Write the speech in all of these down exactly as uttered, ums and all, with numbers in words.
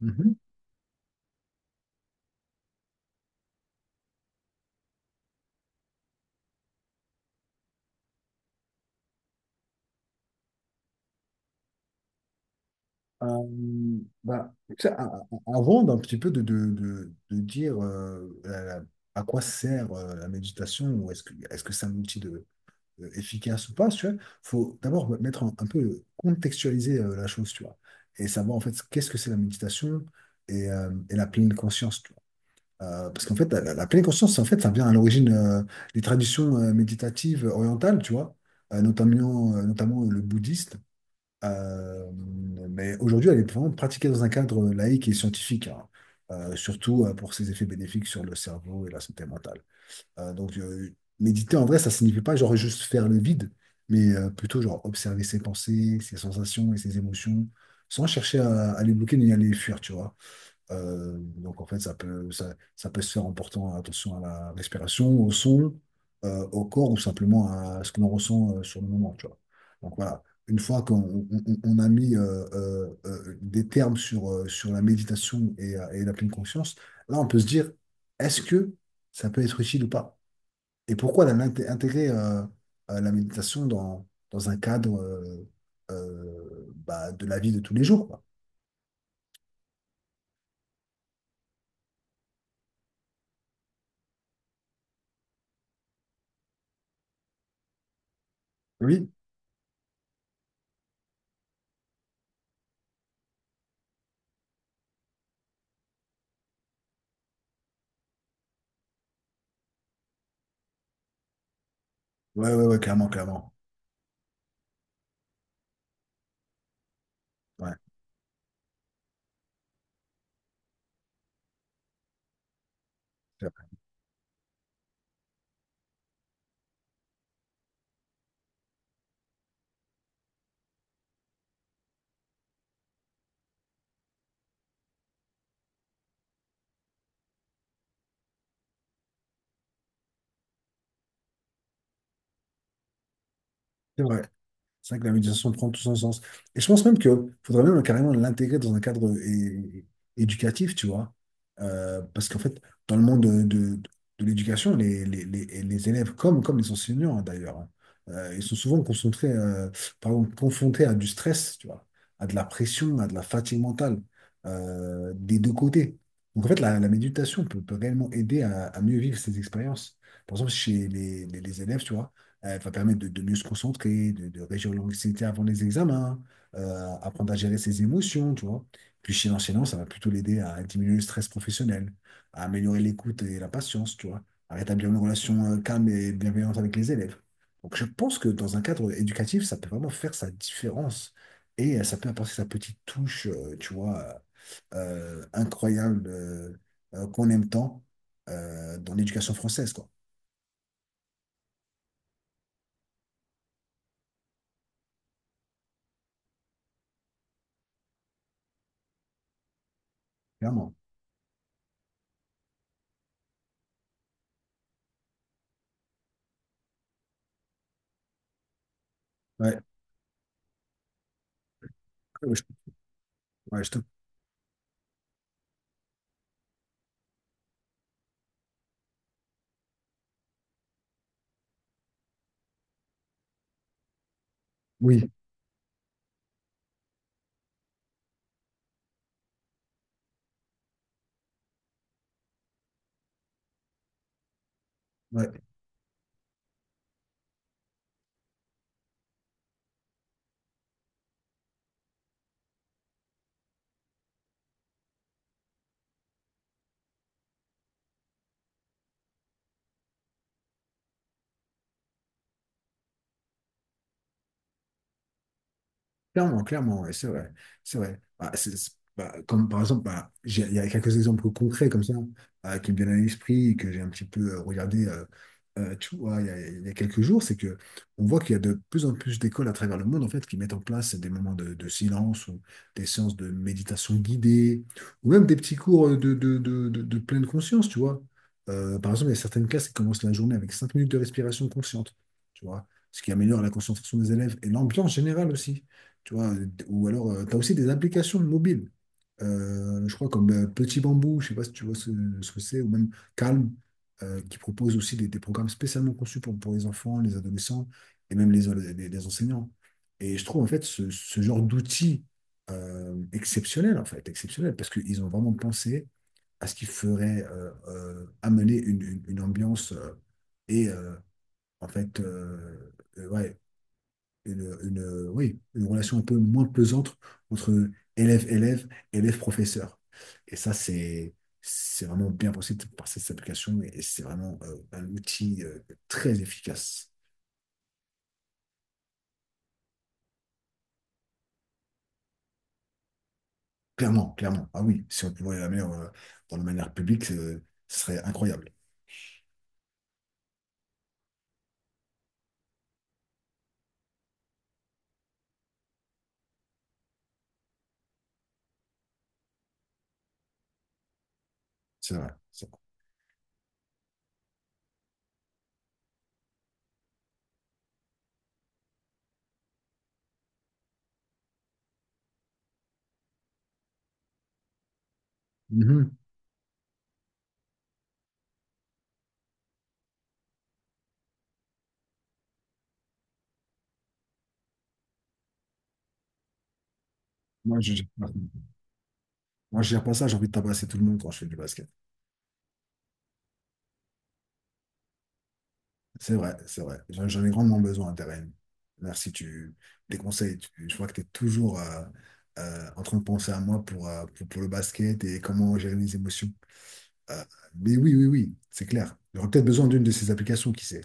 Mhm. Euh, bah, tu sais, a- a- avant d'un petit peu de, de, de, de dire euh, la- la- à quoi sert euh, la méditation, ou est-ce que, est-ce que c'est un outil de, euh, efficace ou pas, tu vois, faut d'abord mettre un, un peu contextualiser euh, la chose, tu vois, et savoir en fait qu'est-ce que c'est la méditation et, euh, et la pleine conscience, tu vois. Euh, parce qu'en fait, la, la- la pleine conscience, en fait, ça vient à l'origine euh, des traditions euh, méditatives orientales, tu vois, euh, notamment, euh, notamment le bouddhiste. Euh, mais aujourd'hui, elle est vraiment pratiquée dans un cadre laïque et scientifique, hein. Euh, surtout euh, pour ses effets bénéfiques sur le cerveau et la santé mentale. Euh, donc, euh, méditer en vrai, ça signifie pas genre juste faire le vide, mais euh, plutôt genre observer ses pensées, ses sensations et ses émotions, sans chercher à, à les bloquer ni à les fuir, tu vois. Euh, donc en fait, ça peut, ça, ça peut se faire en portant attention à la respiration, au son, euh, au corps, ou simplement à ce que l'on ressent euh, sur le moment, tu vois. Donc voilà, une fois qu'on on, on- on a mis euh, euh, euh, des termes sur, euh, sur la méditation et, euh, et la pleine conscience, là on peut se dire, est-ce que ça peut être utile ou pas? Et pourquoi la- l'int- intégrer euh, euh, la méditation dans, dans un cadre euh, euh, bah, de la vie de tous les jours, quoi. Oui, ouais, ouais, ouais, clairement, clairement. Ouais. C'est vrai. C'est vrai que la méditation prend tout son sens. Et je pense même que faudrait même carrément l'intégrer dans un cadre é- éducatif, tu vois. Euh, parce qu'en fait, dans le monde de, de- de l'éducation, les, les, les, les élèves, comme, comme les enseignants hein, d'ailleurs, hein, euh, ils sont souvent concentrés, euh, pardon, confrontés à du stress, tu vois, à de la pression, à de la fatigue mentale, euh, des deux côtés. Donc en fait, la, la méditation peut, peut réellement aider à, à mieux vivre ces expériences. Par exemple, chez les, les les élèves, tu vois. Euh, va permettre de, de mieux se concentrer, de, de réduire l'anxiété avant les examens, euh, apprendre à gérer ses émotions, tu vois. Puis chez l'enchaînant, ça va plutôt l'aider à diminuer le stress professionnel, à améliorer l'écoute et la patience, tu vois, à rétablir une relation euh, calme et bienveillante avec les élèves. Donc je pense que dans un cadre éducatif, ça peut vraiment faire sa différence, et euh, ça peut apporter sa petite touche, euh, tu vois, euh, incroyable, euh, euh, qu'on aime tant euh, dans l'éducation française, quoi. Clairement. Ouais, Ouais, je ouais, je Oui, ouais. Clairement, clairement, ouais, c'est vrai. C'est vrai. Bah, c'est- c'est- bah, comme par exemple, bah, j'ai- il y a quelques exemples concrets comme ça euh, qui me viennent à l'esprit, et que j'ai un petit peu euh, regardé euh, euh, tu vois, il y a, il y a quelques jours, c'est que on voit qu'il y a de plus en plus d'écoles à travers le monde en fait qui mettent en place des moments de, de silence, ou des séances de méditation guidée, ou même des petits cours euh, de, de, de, de, de pleine conscience, tu vois. Euh, par exemple, il y a certaines classes qui commencent la journée avec cinq minutes de respiration consciente, tu vois, ce qui améliore la concentration des élèves et l'ambiance générale aussi. Tu vois, ou alors, tu as aussi des applications mobiles. Euh, je crois comme euh, Petit Bambou, je sais pas si tu vois ce, ce que c'est, ou même Calm, euh, qui propose aussi des, des programmes spécialement conçus pour, pour les enfants, les adolescents, et même les, les, les enseignants. Et je trouve en fait ce, ce genre d'outils euh, exceptionnel, en fait, exceptionnel, parce qu'ils ont vraiment pensé à ce qui ferait euh, euh, amener une, une, une ambiance euh, et euh, en fait euh, euh, ouais, une, une, euh, oui, une relation un peu moins pesante entre élève-élève, élève-professeur. Et ça, c'est, c'est vraiment bien possible par cette application, et et c'est vraiment euh, un outil euh, très efficace. Clairement, clairement. Ah oui, si on pouvait la mettre euh, dans la manière publique, euh, ce serait incroyable. C'est vrai, c'est vrai. Mhm. Moi, je, gère pas Moi, je gère pas ça, j'ai envie de tabasser tout le monde quand je fais du basket. C'est vrai, c'est vrai. J'en j'en ai grandement besoin, Terrain. Merci, tu, tes conseils. Tu- je vois que tu es toujours euh, euh, en train de penser à moi pour, euh, pour, pour le basket et comment gérer mes émotions. Euh, mais oui, oui, oui, c'est clair. J'aurais peut-être besoin d'une de ces applications, qui sait.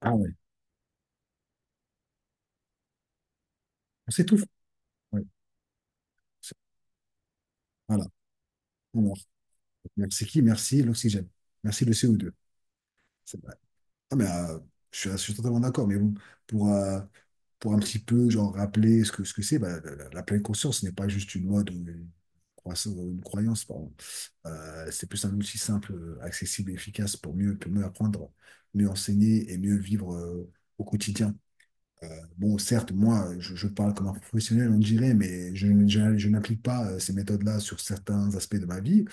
Ah ouais. On s'étouffe. Ouais. C'est- Voilà. Alors, merci qui? Merci l'oxygène. Merci le c o deux. C'est bon. Ah, mais euh, je suis, je suis totalement d'accord, mais bon, pour, euh, pour un petit peu genre rappeler ce que ce que c'est, bah, la, la- la pleine conscience n'est pas juste une mode ou une croissance- ou une croyance, pardon. Euh, c'est plus un outil simple, euh, accessible et efficace pour mieux, pour mieux apprendre, mieux enseigner et mieux vivre euh, au quotidien. Euh, bon, certes, moi, je, je parle comme un professionnel, on dirait, mais je, je- je n'applique pas euh, ces méthodes-là sur certains aspects de ma vie.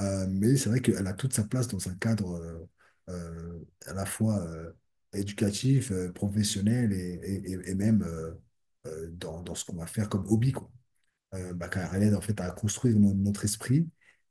Euh, mais c'est vrai qu'elle a toute sa place dans un cadre euh, euh, à la fois euh, éducatif, euh, professionnel, et, et- et- et même euh, euh, dans, dans ce qu'on va faire comme hobby, quoi. Euh, bah, car elle aide en fait à construire no- notre esprit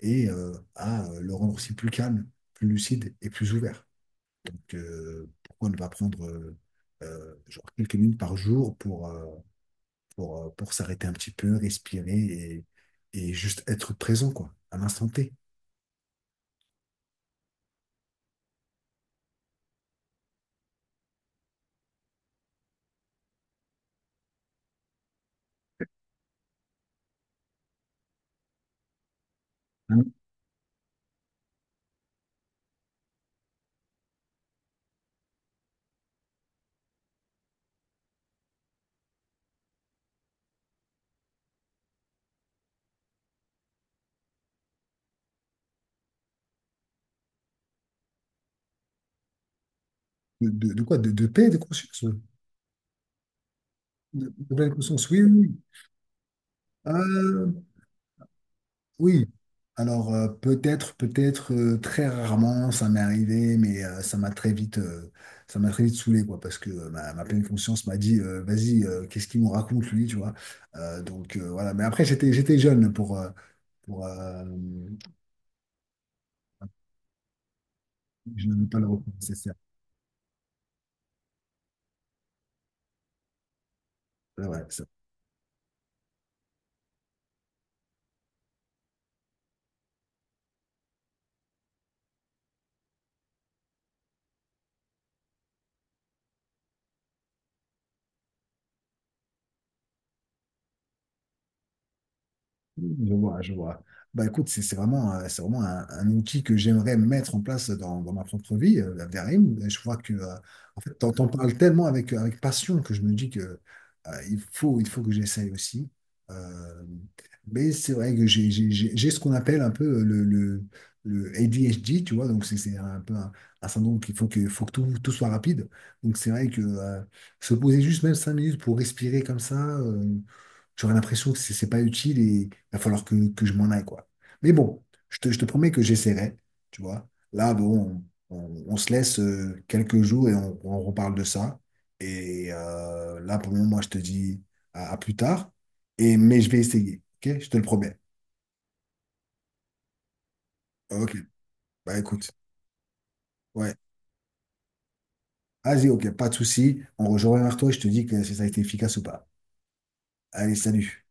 et euh, à euh, le rendre aussi plus calme, plus lucide et plus ouvert. Donc euh, pourquoi ne pas prendre euh, euh, genre quelques minutes par jour pour, euh, pour, euh, pour s'arrêter un petit peu, respirer, et, et juste être présent, quoi, à l'instant T. De, de, de quoi? De, de paix de conscience. Oui. De, de pleine conscience, oui, oui, oui. Euh, oui. Alors, euh, peut-être, peut-être, euh, très rarement, ça m'est arrivé, mais euh, ça m'a très vite, euh, ça m'a très vite saoulé, quoi, parce que euh, ma, ma pleine conscience m'a dit, euh, vas-y, euh, qu'est-ce qu'il nous raconte, lui, tu vois? Euh, donc, euh, voilà. Mais après, j'étais, j'étais jeune pour, euh, pour, euh, je n'avais pas le recul nécessaire. Ouais, ouais. Je vois, je vois. Bah écoute, c'est c'est vraiment, euh, c'est vraiment un, un outil que j'aimerais mettre en place dans, dans ma propre vie, euh, la Verim. Et je vois que, euh, en fait, t'en, t'en parles tellement avec, euh, avec passion, que je me dis que euh, il faut, il faut que j'essaye aussi. Euh, mais c'est vrai que j'ai j'ai- j'ai- j'ai ce qu'on appelle un peu euh, le, le, le a d h d, tu vois. Donc c'est c'est un peu un, un syndrome, qu'il faut que, faut que tout, tout soit rapide. Donc c'est vrai que euh, se poser juste même cinq minutes pour respirer comme ça, euh, j'aurais l'impression que c'est c'est pas utile, il va falloir que, que je m'en aille, quoi. Mais bon, je te, je te promets que j'essaierai, tu vois. Là, bon, on, on- on se laisse euh, quelques jours et on, on reparle de ça. Et euh, là, pour le moment, moi, je te dis à, à plus tard. Et, mais je vais essayer, ok? Je te le promets. Ok, bah écoute, ouais. Vas-y, ok, pas de souci. On rejoint vers toi et je te dis que si ça a été efficace ou pas. Allez, salut.